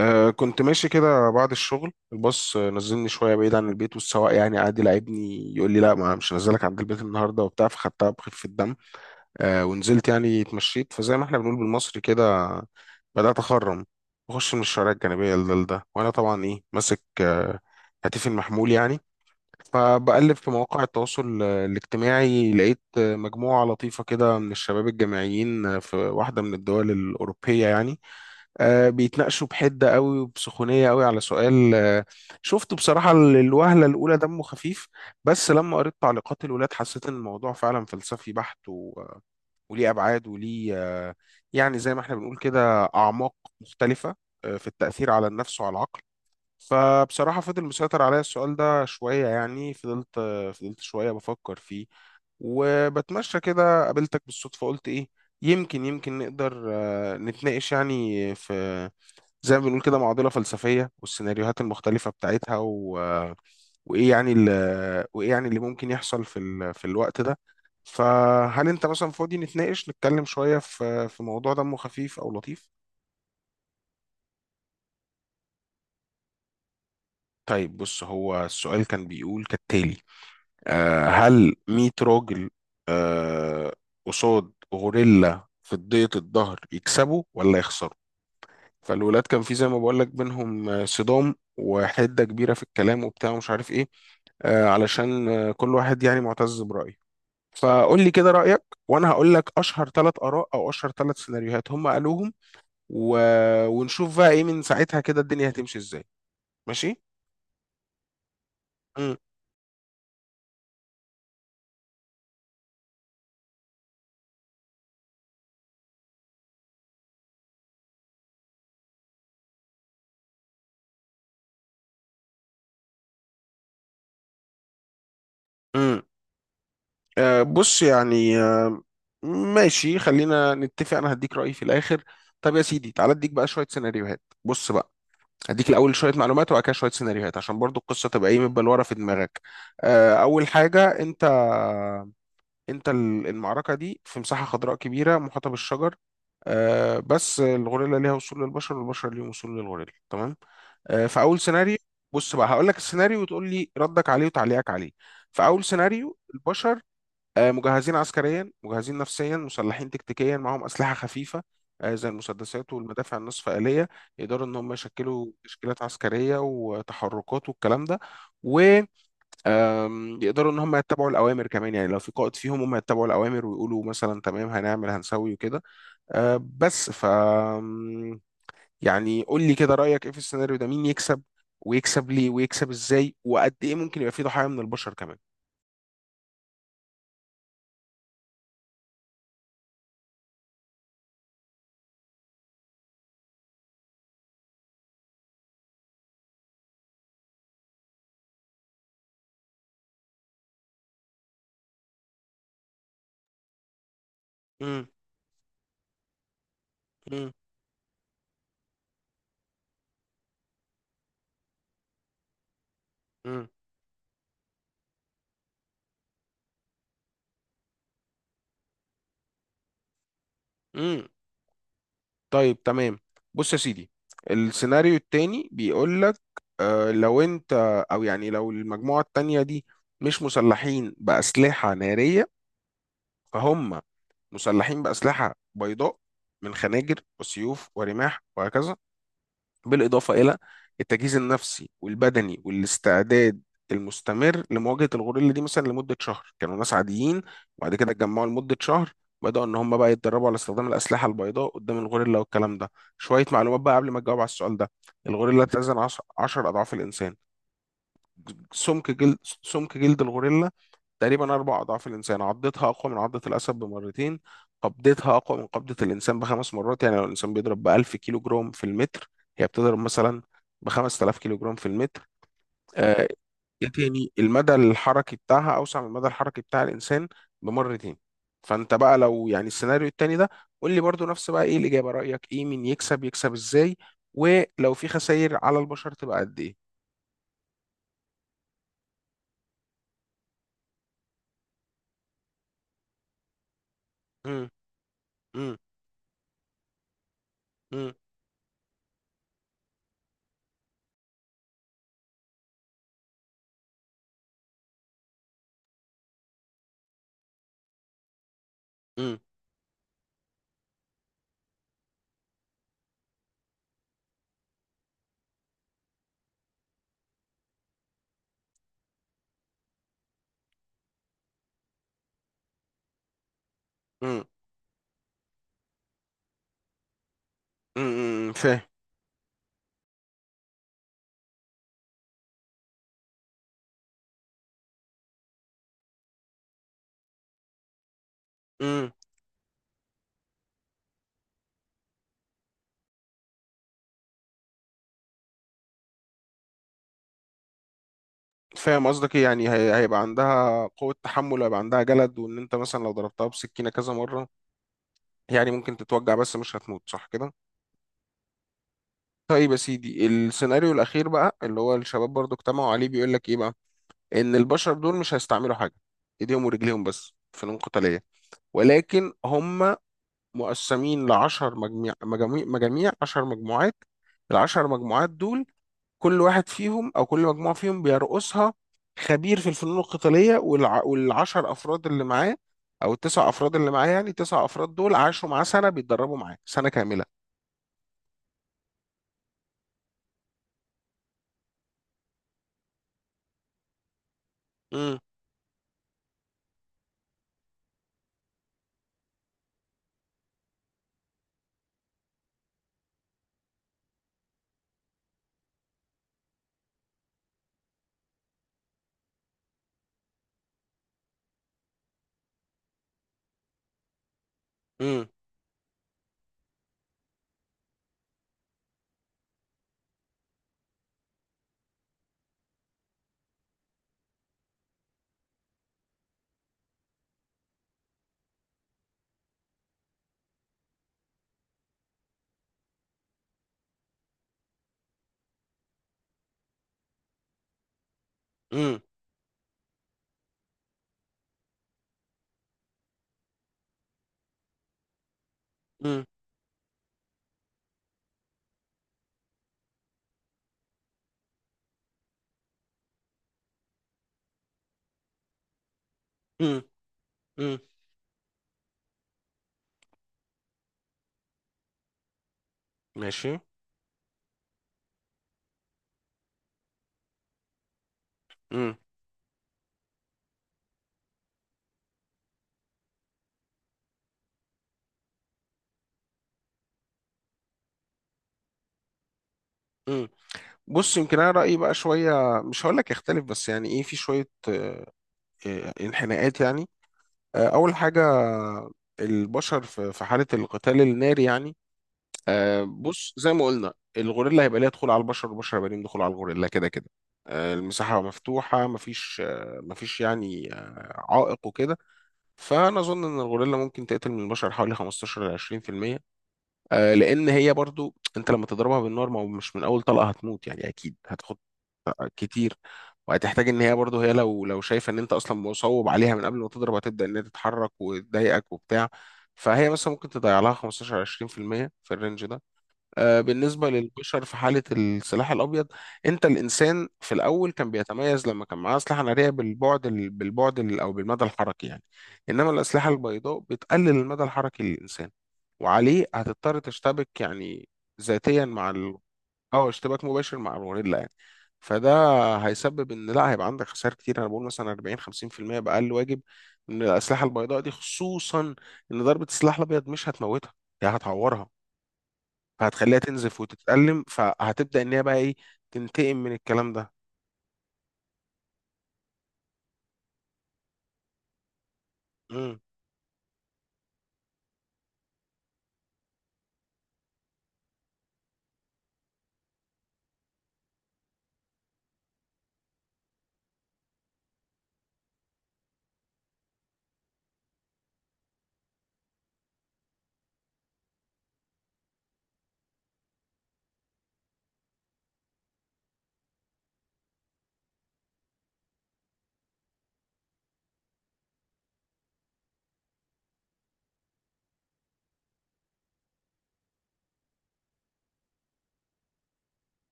كنت ماشي كده بعد الشغل الباص، نزلني شوية بعيد عن البيت، والسواق يعني قعد يلاعبني، يقول لي لا، ما مش هنزلك عند البيت النهاردة وبتاع، فخدتها بخفة الدم. ونزلت يعني اتمشيت، فزي ما احنا بنقول بالمصري كده بدأت أخرم، بخش من الشوارع الجانبية لده لده، وأنا طبعا إيه ماسك هاتفي المحمول يعني. فبقلب في مواقع التواصل الاجتماعي، لقيت مجموعة لطيفة كده من الشباب الجامعيين في واحدة من الدول الأوروبية يعني، بيتناقشوا بحدة قوي وبسخونية قوي على سؤال شفته بصراحة الوهلة الأولى دمه خفيف. بس لما قريت تعليقات الولاد، حسيت إن الموضوع فعلا فلسفي بحت، وليه أبعاد وليه، يعني زي ما احنا بنقول كده أعماق مختلفة في التأثير على النفس وعلى العقل. فبصراحة فضل مسيطر عليا السؤال ده شوية، يعني فضلت شوية بفكر فيه، وبتمشى كده قابلتك بالصدفة، قلت إيه، يمكن نقدر نتناقش يعني في زي ما بنقول كده معضلة فلسفية والسيناريوهات المختلفة بتاعتها، و... وإيه يعني ال... وإيه يعني اللي ممكن يحصل في الوقت ده. فهل أنت مثلا فاضي نتناقش نتكلم شوية في موضوع دمه خفيف أو لطيف؟ طيب بص، هو السؤال كان بيقول كالتالي. هل 100 راجل آه قصاد غوريلا في ضيق الظهر يكسبوا ولا يخسروا؟ فالولاد كان في زي ما بقول لك بينهم صدام وحدة كبيرة في الكلام وبتاع ومش عارف ايه، علشان كل واحد يعني معتز برأيه. فقول لي كده رأيك، وانا هقول لك اشهر ثلاث اراء او اشهر ثلاث سيناريوهات هم قالوهم، و... ونشوف بقى ايه من ساعتها كده الدنيا هتمشي ازاي. ماشي. امم. امم. بص يعني، ماشي، خلينا نتفق، انا هديك رأيي في الاخر. طب يا سيدي، تعالى اديك بقى شوية سيناريوهات، بص بقى. هديك الاول شويه معلومات، وبعد كده شويه سيناريوهات، عشان برضو القصه تبقى ايه متبلوره ورا في دماغك. اول حاجه، انت المعركه دي في مساحه خضراء كبيره محاطه بالشجر، بس الغوريلا ليها وصول للبشر والبشر ليهم وصول للغوريلا. تمام. فاول سيناريو، بص بقى هقول لك السيناريو وتقول لي ردك عليه وتعليقك عليه. فاول سيناريو، البشر مجهزين عسكريا، مجهزين نفسيا، مسلحين تكتيكيا، معاهم أسلحة خفيفة زي المسدسات والمدافع النصف آلية. يقدروا إن هم يشكلوا تشكيلات عسكرية وتحركات والكلام ده، ويقدروا إن هم يتبعوا الأوامر كمان، يعني لو في قائد فيهم هم يتبعوا الأوامر ويقولوا مثلا تمام هنعمل هنسوي وكده. بس ف آم، يعني قول لي كده رأيك إيه في السيناريو ده، مين يكسب، ويكسب ليه، ويكسب إزاي، وقد إيه ممكن يبقى فيه ضحايا من البشر كمان؟ امم. امم. امم. طيب، تمام. بص يا سيدي، السيناريو التاني بيقول لك لو انت، او يعني لو المجموعة التانية دي مش مسلحين بأسلحة نارية، فهم مسلحين بأسلحة بيضاء من خناجر وسيوف ورماح وهكذا، بالإضافة إلى التجهيز النفسي والبدني والاستعداد المستمر لمواجهة الغوريلا دي. مثلا لمدة شهر كانوا ناس عاديين، وبعد كده اتجمعوا لمدة شهر بدأوا إن هم بقى يتدربوا على استخدام الأسلحة البيضاء قدام الغوريلا والكلام ده. شوية معلومات بقى قبل ما تجاوب على السؤال ده. الغوريلا تزن 10 أضعاف الإنسان. سمك جلد سمك جلد الغوريلا تقريبا أربع أضعاف الإنسان. عضتها أقوى من عضة الأسد بمرتين، قبضتها أقوى من قبضة الإنسان بخمس مرات. يعني لو الإنسان بيضرب بألف كيلو جرام في المتر، هي بتضرب مثلا بخمس تلاف كيلو جرام في المتر. آه، إيه تاني، المدى الحركي بتاعها أوسع من المدى الحركي بتاع الإنسان بمرتين. فأنت بقى لو، يعني السيناريو التاني ده، قول لي برضو نفس بقى إيه الإجابة، رأيك إيه، مين يكسب، يكسب إزاي، ولو في خسائر على البشر تبقى قد إيه؟ مم. مم. مم. مم. مم. مم. مم. فاهم. مم. فاهم قصدك إيه؟ يعني هيبقى عندها قوة تحمل، وهيبقى عندها جلد، وان انت مثلا لو ضربتها بسكينة كذا مرة يعني ممكن تتوجع، بس مش هتموت، صح كده؟ طيب يا سيدي السيناريو الأخير بقى، اللي هو الشباب برضو اجتمعوا عليه، بيقول لك ايه بقى؟ ان البشر دول مش هيستعملوا حاجة، ايديهم ورجليهم بس، فنون قتالية. ولكن هم مقسمين لعشر مجميع مجاميع مجاميع، عشر مجموعات. العشر مجموعات دول كل واحد فيهم او كل مجموعه فيهم بيرقصها خبير في الفنون القتاليه، والعشر افراد اللي معاه، او التسع افراد اللي معاه، يعني التسع افراد دول عاشوا معاه سنه، بيتدربوا معاه سنه كامله. امم. امم. امم. امم. امم. امم. ماشي. امم. امم. بص، يمكن انا رايي بقى شويه مش هقول لك يختلف، بس يعني ايه في شويه، انحناءات يعني. اول حاجه، البشر في حاله القتال الناري يعني، بص زي ما قلنا، الغوريلا هيبقى ليها دخول على البشر والبشر هيبقى ليهم دخول على الغوريلا كده كده. المساحة مفتوحة، مفيش يعني عائق وكده. فأنا أظن إن الغوريلا ممكن تقتل من البشر حوالي 15 ل 20%. لأن هي برضو، أنت لما تضربها بالنار ما هو مش من أول طلقة هتموت يعني، أكيد هتاخد كتير، وهتحتاج إن هي برضو، هي لو شايفة إن أنت أصلا مصوب عليها من قبل ما تضرب، هتبدأ إن هي تتحرك وتضايقك وبتاع. فهي مثلا ممكن تضيع لها 15 20% في المية في الرينج ده. بالنسبة للبشر في حالة السلاح الأبيض، أنت الإنسان في الأول كان بيتميز لما كان معاه أسلحة نارية أو بالمدى الحركي يعني. إنما الأسلحة البيضاء بتقلل المدى الحركي للإنسان، وعليه هتضطر تشتبك يعني ذاتيا أو اشتباك مباشر مع الغوريلا يعني. فده هيسبب إن لا، هيبقى عندك خسائر كتير. أنا بقول مثلا 40 50% بأقل واجب من الأسلحة البيضاء دي، خصوصا إن ضربة السلاح الأبيض مش هتموتها، هي هتعورها، فهتخليها تنزف وتتألم، فهتبدأ ان هي بقى ايه، تنتقم من الكلام ده. مم.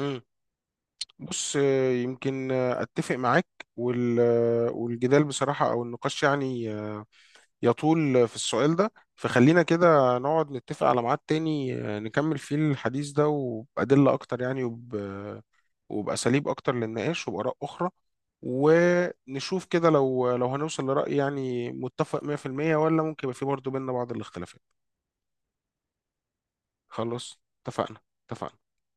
مم. بص، يمكن اتفق معاك، والجدال بصراحة او النقاش يعني يطول في السؤال ده. فخلينا كده نقعد نتفق على ميعاد تاني نكمل فيه الحديث ده وبأدلة اكتر يعني، وب... آه، وبأساليب اكتر للنقاش وبآراء اخرى، ونشوف كده لو هنوصل لرأي يعني متفق 100%، ولا ممكن يبقى في برضه بيننا بعض الاختلافات. خلاص، اتفقنا، اتفقنا.